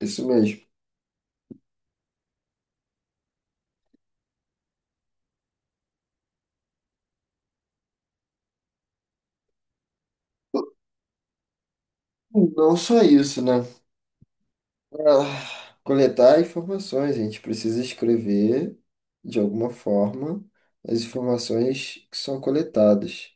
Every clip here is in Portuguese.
Isso mesmo. Não só isso, né? Pra coletar informações, a gente precisa escrever, de alguma forma, as informações que são coletadas.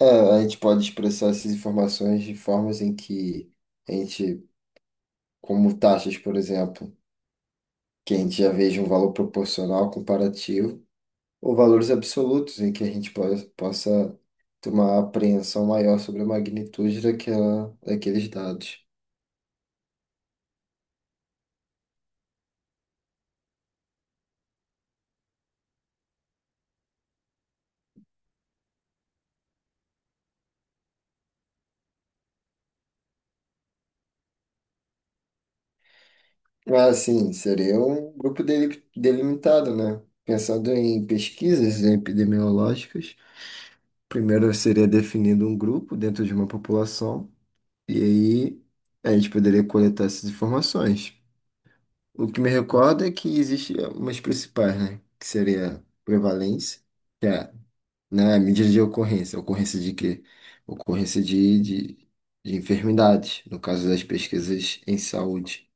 É, a gente pode expressar essas informações de formas em que a gente, como taxas, por exemplo, que a gente já veja um valor proporcional comparativo, ou valores absolutos, em que a gente possa ter uma apreensão maior sobre a magnitude daquela, daqueles dados. Ah, sim, seria um grupo delimitado, né? Pensando em pesquisas epidemiológicas, primeiro seria definido um grupo dentro de uma população, e aí a gente poderia coletar essas informações. O que me recorda é que existe umas principais, né? Que seria prevalência, que é, né, a medida de ocorrência. Ocorrência de quê? Ocorrência de enfermidades, no caso das pesquisas em saúde.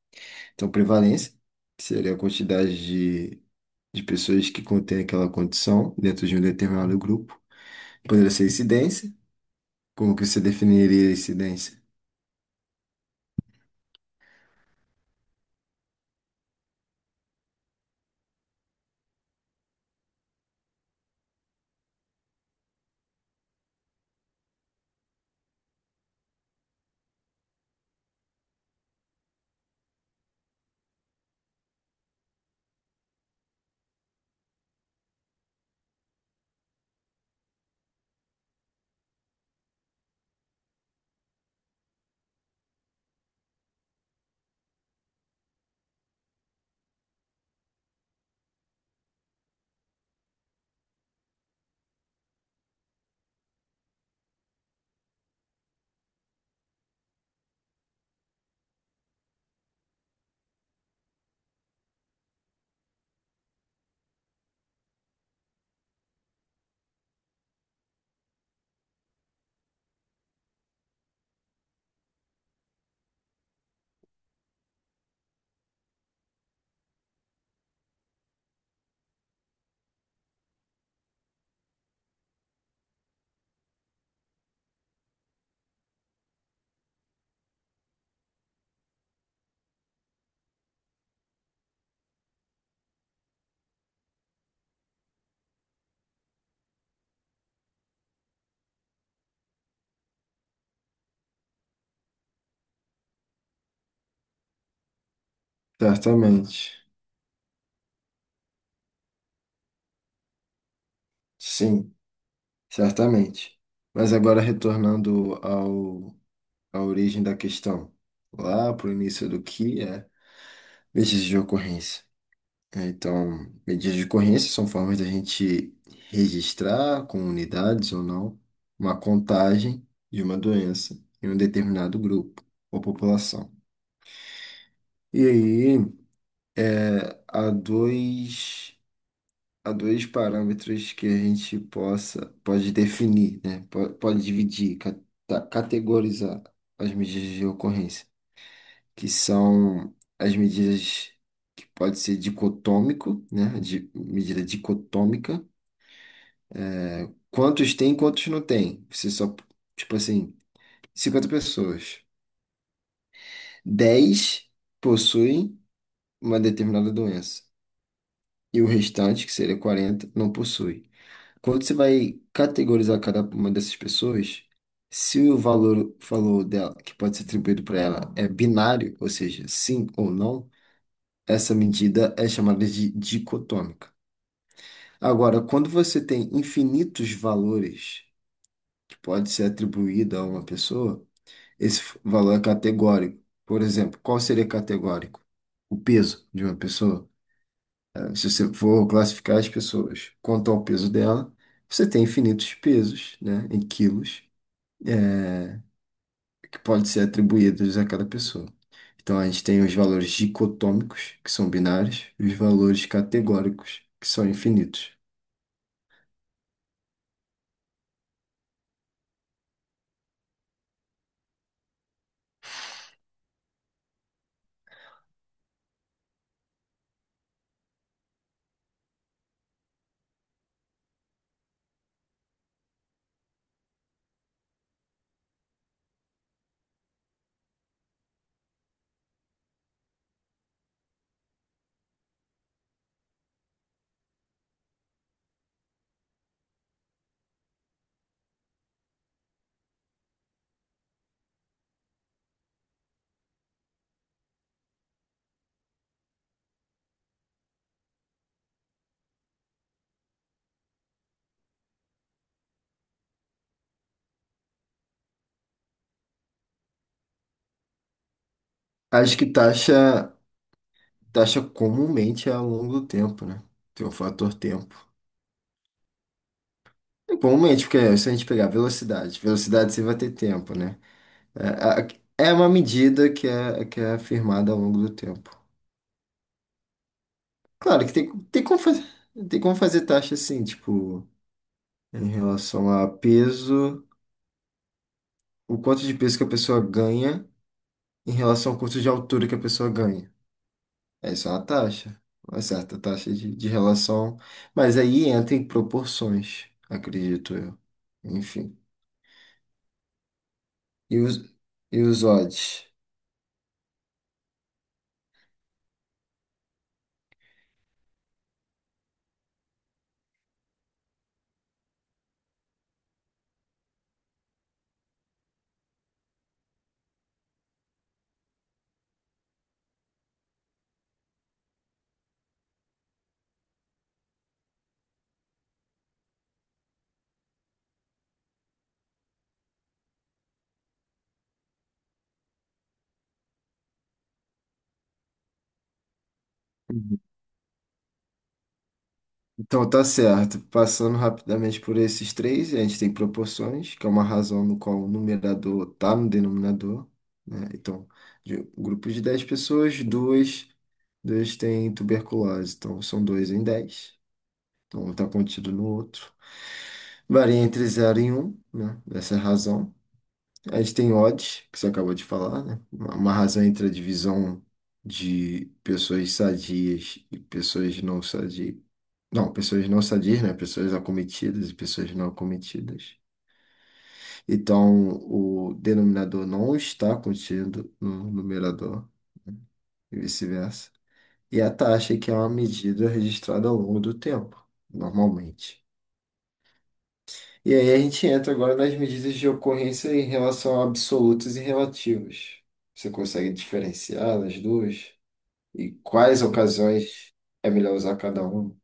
Então, prevalência, que seria a quantidade de pessoas que contém aquela condição dentro de um determinado grupo. Poderia ser incidência. Como que você definiria incidência? Certamente. Sim, certamente. Mas agora retornando à origem da questão, lá para o início do que é vestígio de ocorrência. É, então, medidas de ocorrência são formas da gente registrar com unidades ou não uma contagem de uma doença em um determinado grupo ou população. E aí, há dois, há dois parâmetros que a gente pode definir, né? Pode dividir, categorizar as medidas de ocorrência, que são as medidas que pode ser dicotômico, né? De, medida dicotômica. Quantos tem, e quantos não tem? Você só, tipo assim, 50 pessoas. 10 possuem uma determinada doença. E o restante, que seria 40, não possui. Quando você vai categorizar cada uma dessas pessoas, se o valor dela, que pode ser atribuído para ela, é binário, ou seja, sim ou não, essa medida é chamada de dicotômica. Agora, quando você tem infinitos valores que pode ser atribuído a uma pessoa, esse valor é categórico. Por exemplo, qual seria categórico? O peso de uma pessoa. Se você for classificar as pessoas quanto ao peso dela, você tem infinitos pesos, né, em quilos, eh, que podem ser atribuídos a cada pessoa. Então, a gente tem os valores dicotômicos, que são binários, e os valores categóricos, que são infinitos. Acho que taxa comumente é ao longo do tempo, né? Tem o fator tempo. Igualmente, porque se a gente pegar velocidade você vai ter tempo, né? É, é uma medida que é afirmada ao longo do tempo. Claro que tem como tem como fazer taxa assim, tipo, em relação a peso, o quanto de peso que a pessoa ganha em relação ao quanto de altura que a pessoa ganha. É, isso é uma taxa, uma certa taxa de relação, mas aí entra em proporções, acredito eu. Enfim. E os, e os odds? Então tá certo. Passando rapidamente por esses três, a gente tem proporções, que é uma razão no qual o numerador está no denominador, né? Então, de um grupo de 10 pessoas, duas têm tuberculose, então são dois em dez. Então um está contido no outro. Varia entre zero e um, né? Essa é a razão. A gente tem odds, que você acabou de falar, né? Uma razão entre a divisão de pessoas sadias e pessoas não sadias. Não, pessoas não sadias, né? Pessoas acometidas e pessoas não acometidas. Então, o denominador não está contido no numerador e vice-versa. E a taxa, é que é uma medida registrada ao longo do tempo, normalmente. E aí a gente entra agora nas medidas de ocorrência em relação a absolutas e relativas. Você consegue diferenciar as duas? E quais ocasiões é melhor usar cada uma?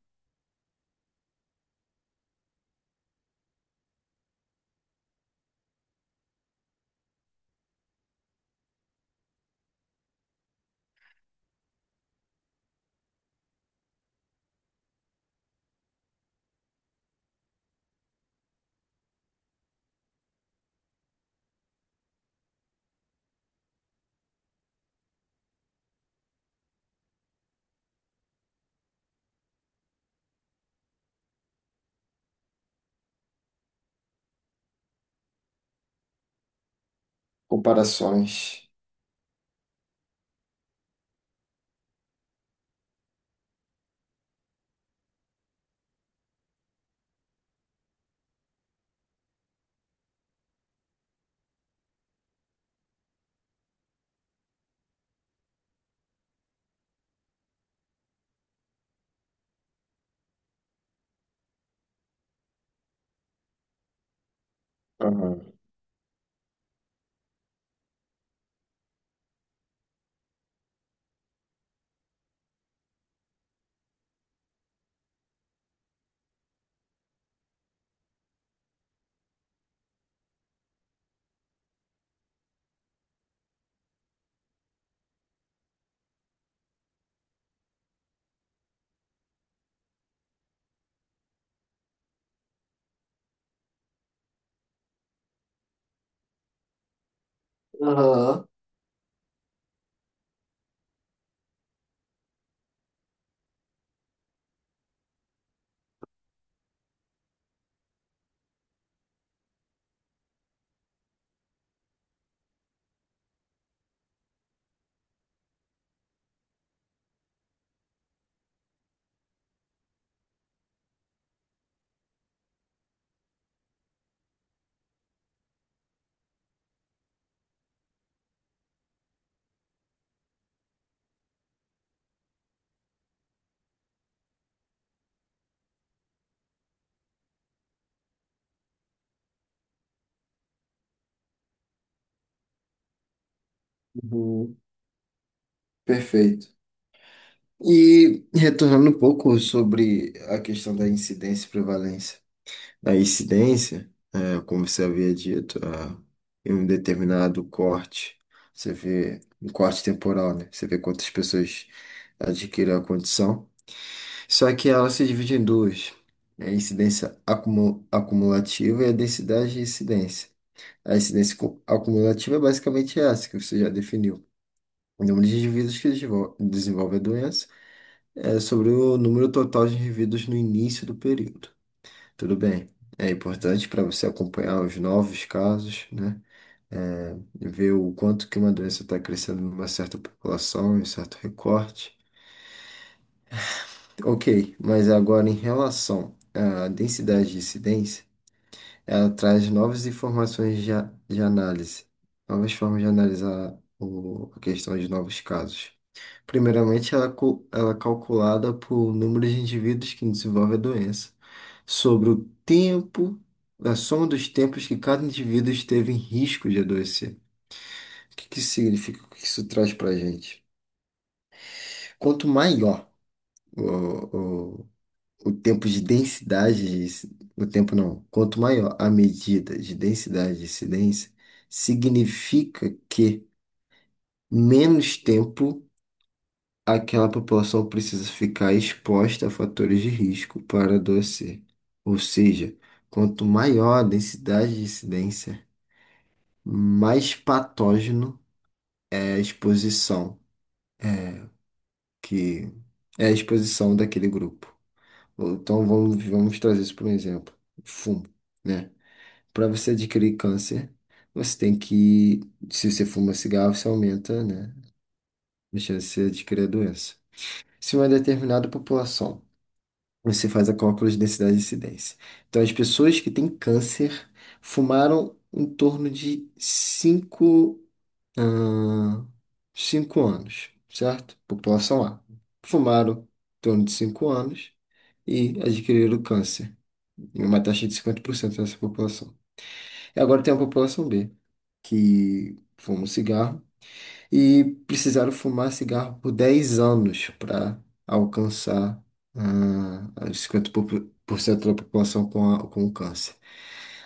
Comparações. Aham. Aham. Uhum. Perfeito. E retornando um pouco sobre a questão da incidência e prevalência. Na incidência, é, como você havia dito, em um determinado corte, você vê um corte temporal, né? Você vê quantas pessoas adquirem a condição. Só que ela se divide em duas. É a incidência acumulativa e a densidade de incidência. A incidência acumulativa é basicamente essa que você já definiu. O número de indivíduos que desenvolve a doença é sobre o número total de indivíduos no início do período. Tudo bem. É importante para você acompanhar os novos casos, né? É, ver o quanto que uma doença está crescendo em uma certa população, em um certo recorte. Ok, mas agora em relação à densidade de incidência, ela traz novas informações de análise, novas formas de analisar a questão de novos casos. Primeiramente, ela é calculada por número de indivíduos que desenvolve a doença sobre o tempo, a soma dos tempos que cada indivíduo esteve em risco de adoecer. O que que significa? O que isso traz para a gente? Quanto maior o, o, o tempo de densidade, de, o tempo não, quanto maior a medida de densidade de incidência, significa que menos tempo aquela população precisa ficar exposta a fatores de risco para adoecer. Ou seja, quanto maior a densidade de incidência, mais patógeno é a exposição, que é a exposição daquele grupo. Ou Então vamos, vamos trazer isso para um exemplo. Fumo, né? Para você adquirir câncer, você tem que, se você fuma cigarro, você aumenta, né, a chance de adquirir a doença. Se uma determinada população, você faz a cálculo de densidade de incidência. Então as pessoas que têm câncer fumaram em torno de 5 ah, cinco anos, certo? População A. Fumaram em torno de cinco anos e adquiriram câncer, em uma taxa de 50% dessa população. E agora tem a população B, que fuma um cigarro e precisaram fumar cigarro por 10 anos para alcançar os 50% da população com o câncer.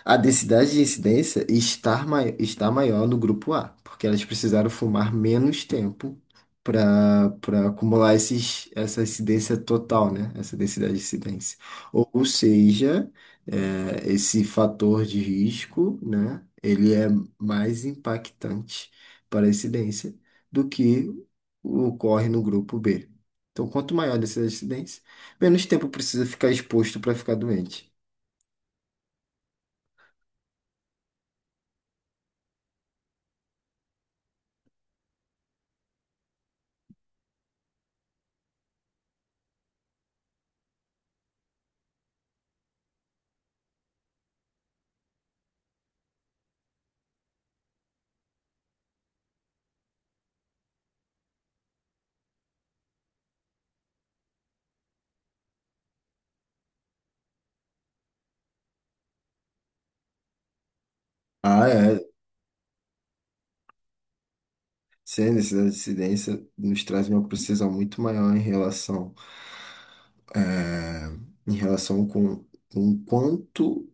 A densidade de incidência está, está maior no grupo A, porque elas precisaram fumar menos tempo para acumular essa incidência total, né? Essa densidade de incidência. Ou seja, é, esse fator de risco, né? Ele é mais impactante para a incidência do que ocorre no grupo B. Então, quanto maior a densidade de incidência, menos tempo precisa ficar exposto para ficar doente. Ah, é. Sim, essa incidência nos traz uma precisão muito maior em relação, eh, em relação com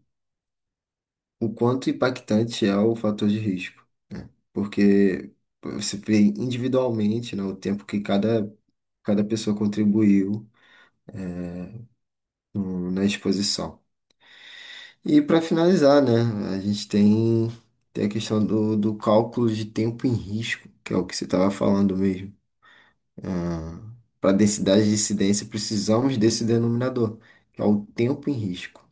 o quanto impactante é o fator de risco, né? Porque você vê individualmente, né, o tempo que cada pessoa contribuiu na exposição. E para finalizar, né, tem a questão do cálculo de tempo em risco, que é o que você estava falando mesmo. Para a densidade de incidência, precisamos desse denominador, que é o tempo em risco.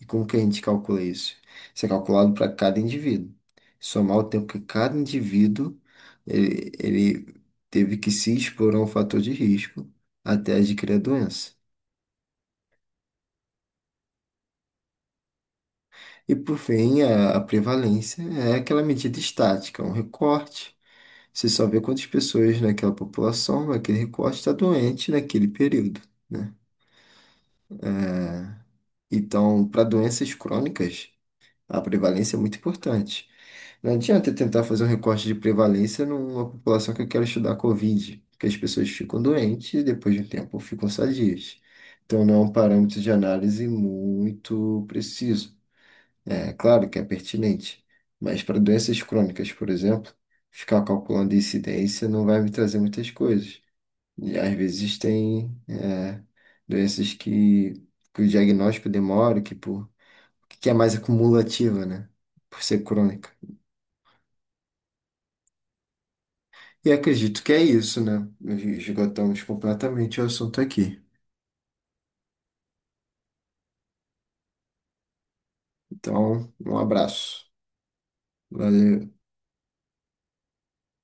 E como que a gente calcula isso? Isso é calculado para cada indivíduo. Somar o tempo que cada indivíduo ele teve que se expor a um fator de risco até adquirir a doença. E por fim, a prevalência é aquela medida estática, um recorte. Você só vê quantas pessoas naquela população, naquele recorte, está doente naquele período, né? Então, para doenças crônicas, a prevalência é muito importante. Não adianta eu tentar fazer um recorte de prevalência numa população que eu quero estudar Covid, porque as pessoas ficam doentes e depois de um tempo ficam sadias. Então não é um parâmetro de análise muito preciso. É claro que é pertinente, mas para doenças crônicas, por exemplo, ficar calculando incidência não vai me trazer muitas coisas. E às vezes tem é, doenças que o diagnóstico demora, que por que é mais acumulativa, né? Por ser crônica. E acredito que é isso, né? Esgotamos completamente o assunto aqui. Então, um abraço. Valeu.